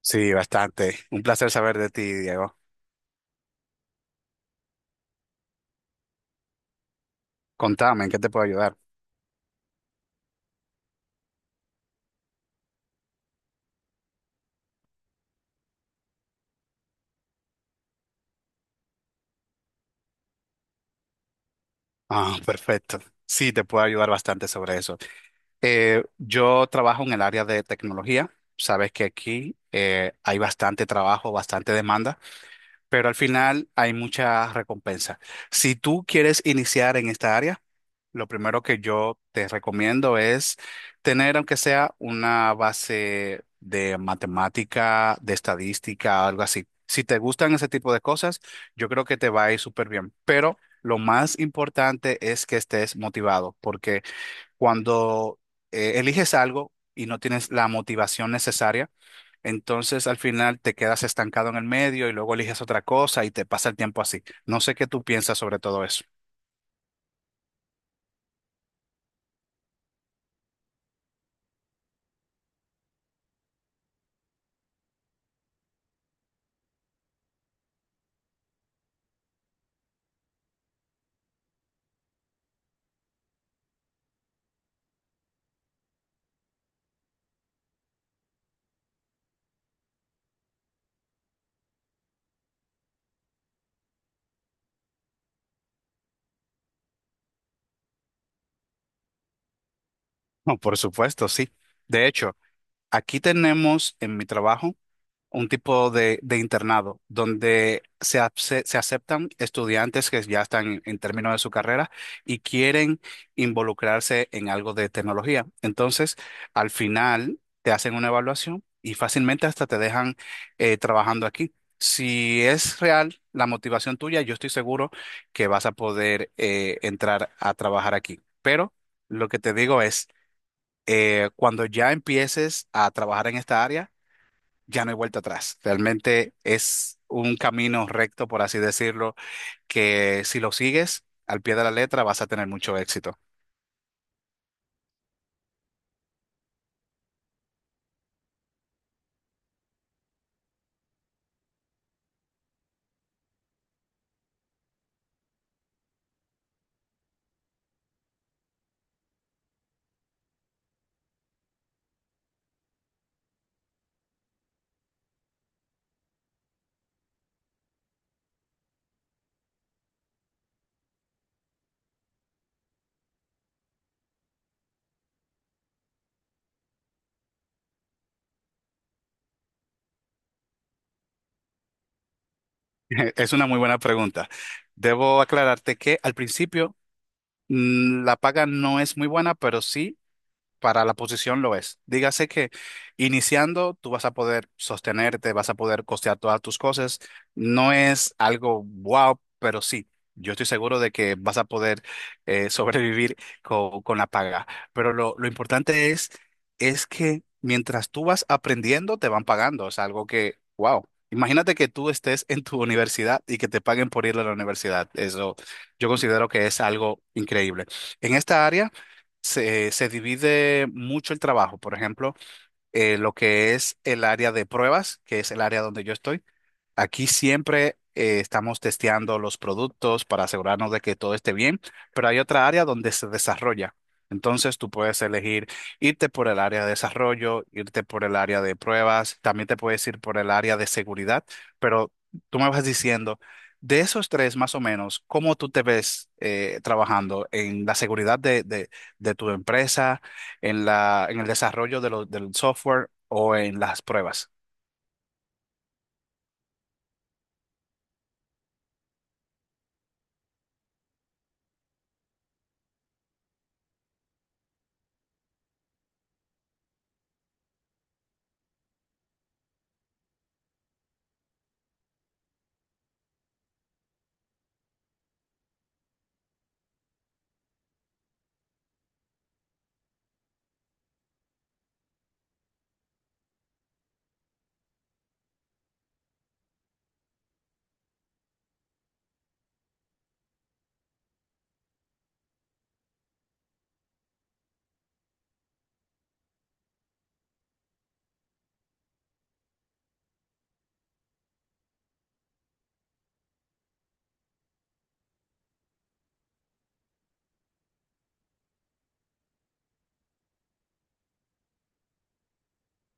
Sí, bastante. Un placer saber de ti, Diego. Contame, ¿en qué te puedo ayudar? Ah, perfecto. Sí, te puedo ayudar bastante sobre eso. Yo trabajo en el área de tecnología. Sabes que aquí hay bastante trabajo, bastante demanda, pero al final hay mucha recompensa. Si tú quieres iniciar en esta área, lo primero que yo te recomiendo es tener, aunque sea una base de matemática, de estadística, algo así. Si te gustan ese tipo de cosas, yo creo que te va a ir súper bien. Pero lo más importante es que estés motivado, porque cuando eliges algo y no tienes la motivación necesaria, entonces al final te quedas estancado en el medio y luego eliges otra cosa y te pasa el tiempo así. No sé qué tú piensas sobre todo eso. No, por supuesto, sí. De hecho, aquí tenemos en mi trabajo un tipo de internado donde se, se aceptan estudiantes que ya están en términos de su carrera y quieren involucrarse en algo de tecnología. Entonces, al final te hacen una evaluación y fácilmente hasta te dejan trabajando aquí. Si es real la motivación tuya, yo estoy seguro que vas a poder entrar a trabajar aquí. Pero lo que te digo es, cuando ya empieces a trabajar en esta área, ya no hay vuelta atrás. Realmente es un camino recto, por así decirlo, que si lo sigues al pie de la letra vas a tener mucho éxito. Es una muy buena pregunta. Debo aclararte que al principio la paga no es muy buena, pero sí para la posición lo es. Dígase que iniciando tú vas a poder sostenerte, vas a poder costear todas tus cosas. No es algo wow, pero sí, yo estoy seguro de que vas a poder sobrevivir con la paga. Pero lo importante es que mientras tú vas aprendiendo, te van pagando. Es algo que, wow. Imagínate que tú estés en tu universidad y que te paguen por ir a la universidad. Eso yo considero que es algo increíble. En esta área se, se divide mucho el trabajo. Por ejemplo, lo que es el área de pruebas, que es el área donde yo estoy. Aquí siempre estamos testeando los productos para asegurarnos de que todo esté bien, pero hay otra área donde se desarrolla. Entonces tú puedes elegir irte por el área de desarrollo, irte por el área de pruebas, también te puedes ir por el área de seguridad, pero tú me vas diciendo, de esos tres más o menos, ¿cómo tú te ves trabajando en la seguridad de tu empresa, en el desarrollo del software o en las pruebas?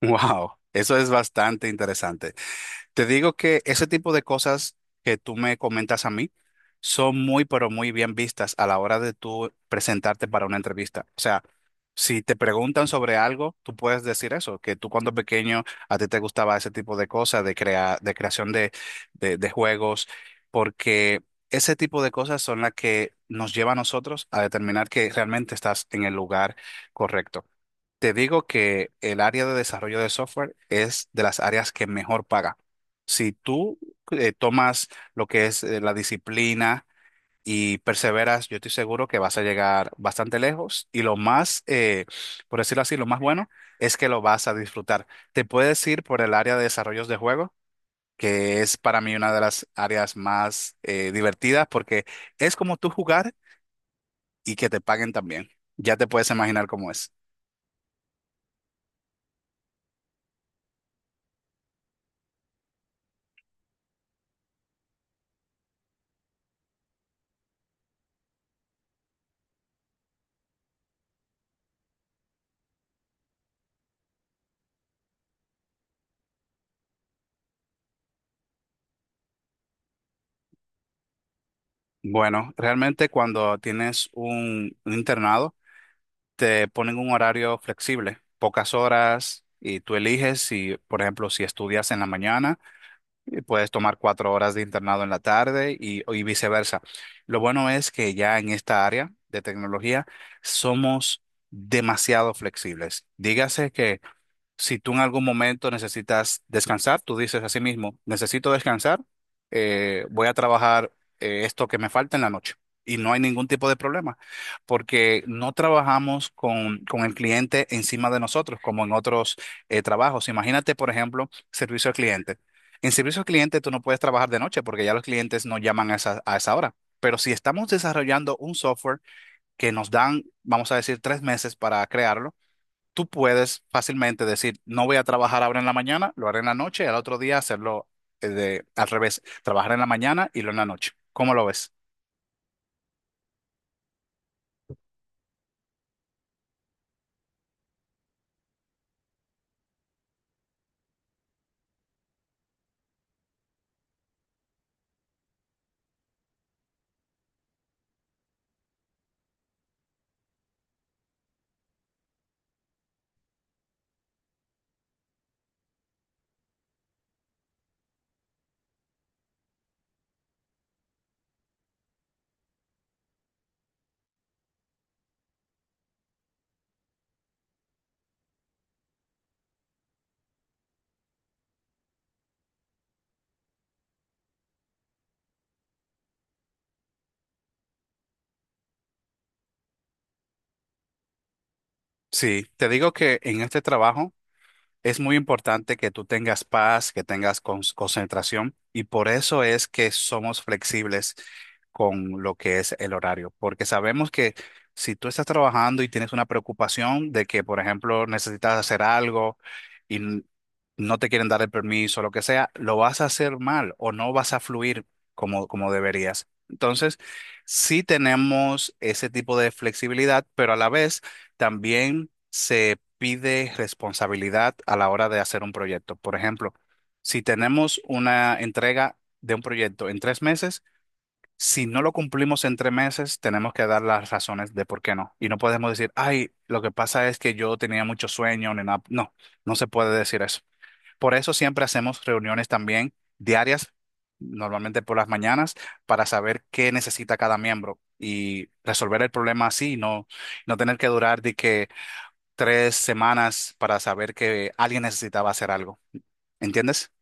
Wow, eso es bastante interesante. Te digo que ese tipo de cosas que tú me comentas a mí son muy, pero muy bien vistas a la hora de tú presentarte para una entrevista. O sea, si te preguntan sobre algo, tú puedes decir eso, que tú cuando pequeño a ti te gustaba ese tipo de cosas, de creación de juegos, porque ese tipo de cosas son las que nos lleva a nosotros a determinar que realmente estás en el lugar correcto. Te digo que el área de desarrollo de software es de las áreas que mejor paga. Si tú tomas lo que es la disciplina y perseveras, yo estoy seguro que vas a llegar bastante lejos y lo más, por decirlo así, lo más bueno es que lo vas a disfrutar. Te puedes ir por el área de desarrollos de juego, que es para mí una de las áreas más divertidas porque es como tú jugar y que te paguen también. Ya te puedes imaginar cómo es. Bueno, realmente cuando tienes un internado, te ponen un horario flexible, pocas horas, y tú eliges si, por ejemplo, si estudias en la mañana, y puedes tomar 4 horas de internado en la tarde y viceversa. Lo bueno es que ya en esta área de tecnología somos demasiado flexibles. Dígase que si tú en algún momento necesitas descansar, tú dices a sí mismo, necesito descansar, voy a trabajar esto que me falta en la noche. Y no hay ningún tipo de problema, porque no trabajamos con el cliente encima de nosotros, como en otros trabajos. Imagínate, por ejemplo, servicio al cliente. En servicio al cliente tú no puedes trabajar de noche porque ya los clientes no llaman a a esa hora. Pero si estamos desarrollando un software que nos dan, vamos a decir, 3 meses para crearlo, tú puedes fácilmente decir, no voy a trabajar ahora en la mañana, lo haré en la noche y al otro día hacerlo al revés, trabajar en la mañana y lo en la noche. ¿Cómo lo ves? Sí, te digo que en este trabajo es muy importante que tú tengas paz, que tengas concentración y por eso es que somos flexibles con lo que es el horario, porque sabemos que si tú estás trabajando y tienes una preocupación de que, por ejemplo, necesitas hacer algo y no te quieren dar el permiso, lo que sea, lo vas a hacer mal o no vas a fluir como deberías. Entonces, sí tenemos ese tipo de flexibilidad, pero a la vez también se pide responsabilidad a la hora de hacer un proyecto. Por ejemplo, si tenemos una entrega de un proyecto en 3 meses, si no lo cumplimos en 3 meses, tenemos que dar las razones de por qué no. Y no podemos decir, ay, lo que pasa es que yo tenía mucho sueño, ni nada. No, no se puede decir eso. Por eso siempre hacemos reuniones también diarias, normalmente por las mañanas, para saber qué necesita cada miembro y resolver el problema así, y no, no tener que durar de que 3 semanas para saber que alguien necesitaba hacer algo, ¿entiendes?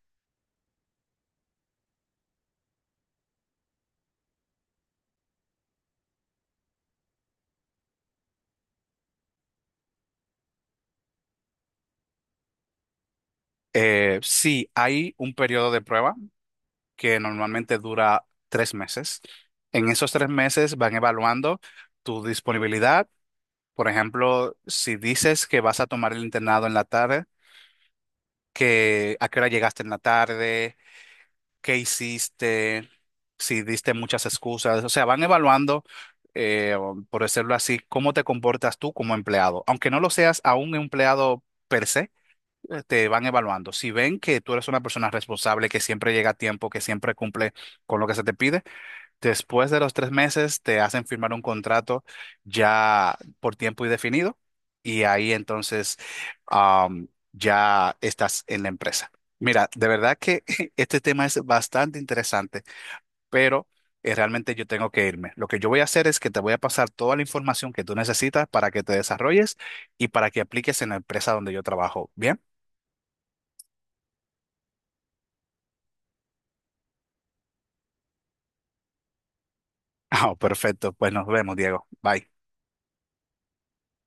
Sí, hay un periodo de prueba que normalmente dura 3 meses. En esos 3 meses van evaluando tu disponibilidad. Por ejemplo, si dices que vas a tomar el internado en la tarde, que a qué hora llegaste en la tarde, qué hiciste, si diste muchas excusas. O sea, van evaluando, o por decirlo así, cómo te comportas tú como empleado. Aunque no lo seas a un empleado per se, te van evaluando. Si ven que tú eres una persona responsable, que siempre llega a tiempo, que siempre cumple con lo que se te pide, después de los 3 meses te hacen firmar un contrato ya por tiempo indefinido y ahí entonces, ya estás en la empresa. Mira, de verdad que este tema es bastante interesante, pero realmente yo tengo que irme. Lo que yo voy a hacer es que te voy a pasar toda la información que tú necesitas para que te desarrolles y para que apliques en la empresa donde yo trabajo. ¿Bien? Ah, perfecto. Pues nos vemos, Diego. Bye.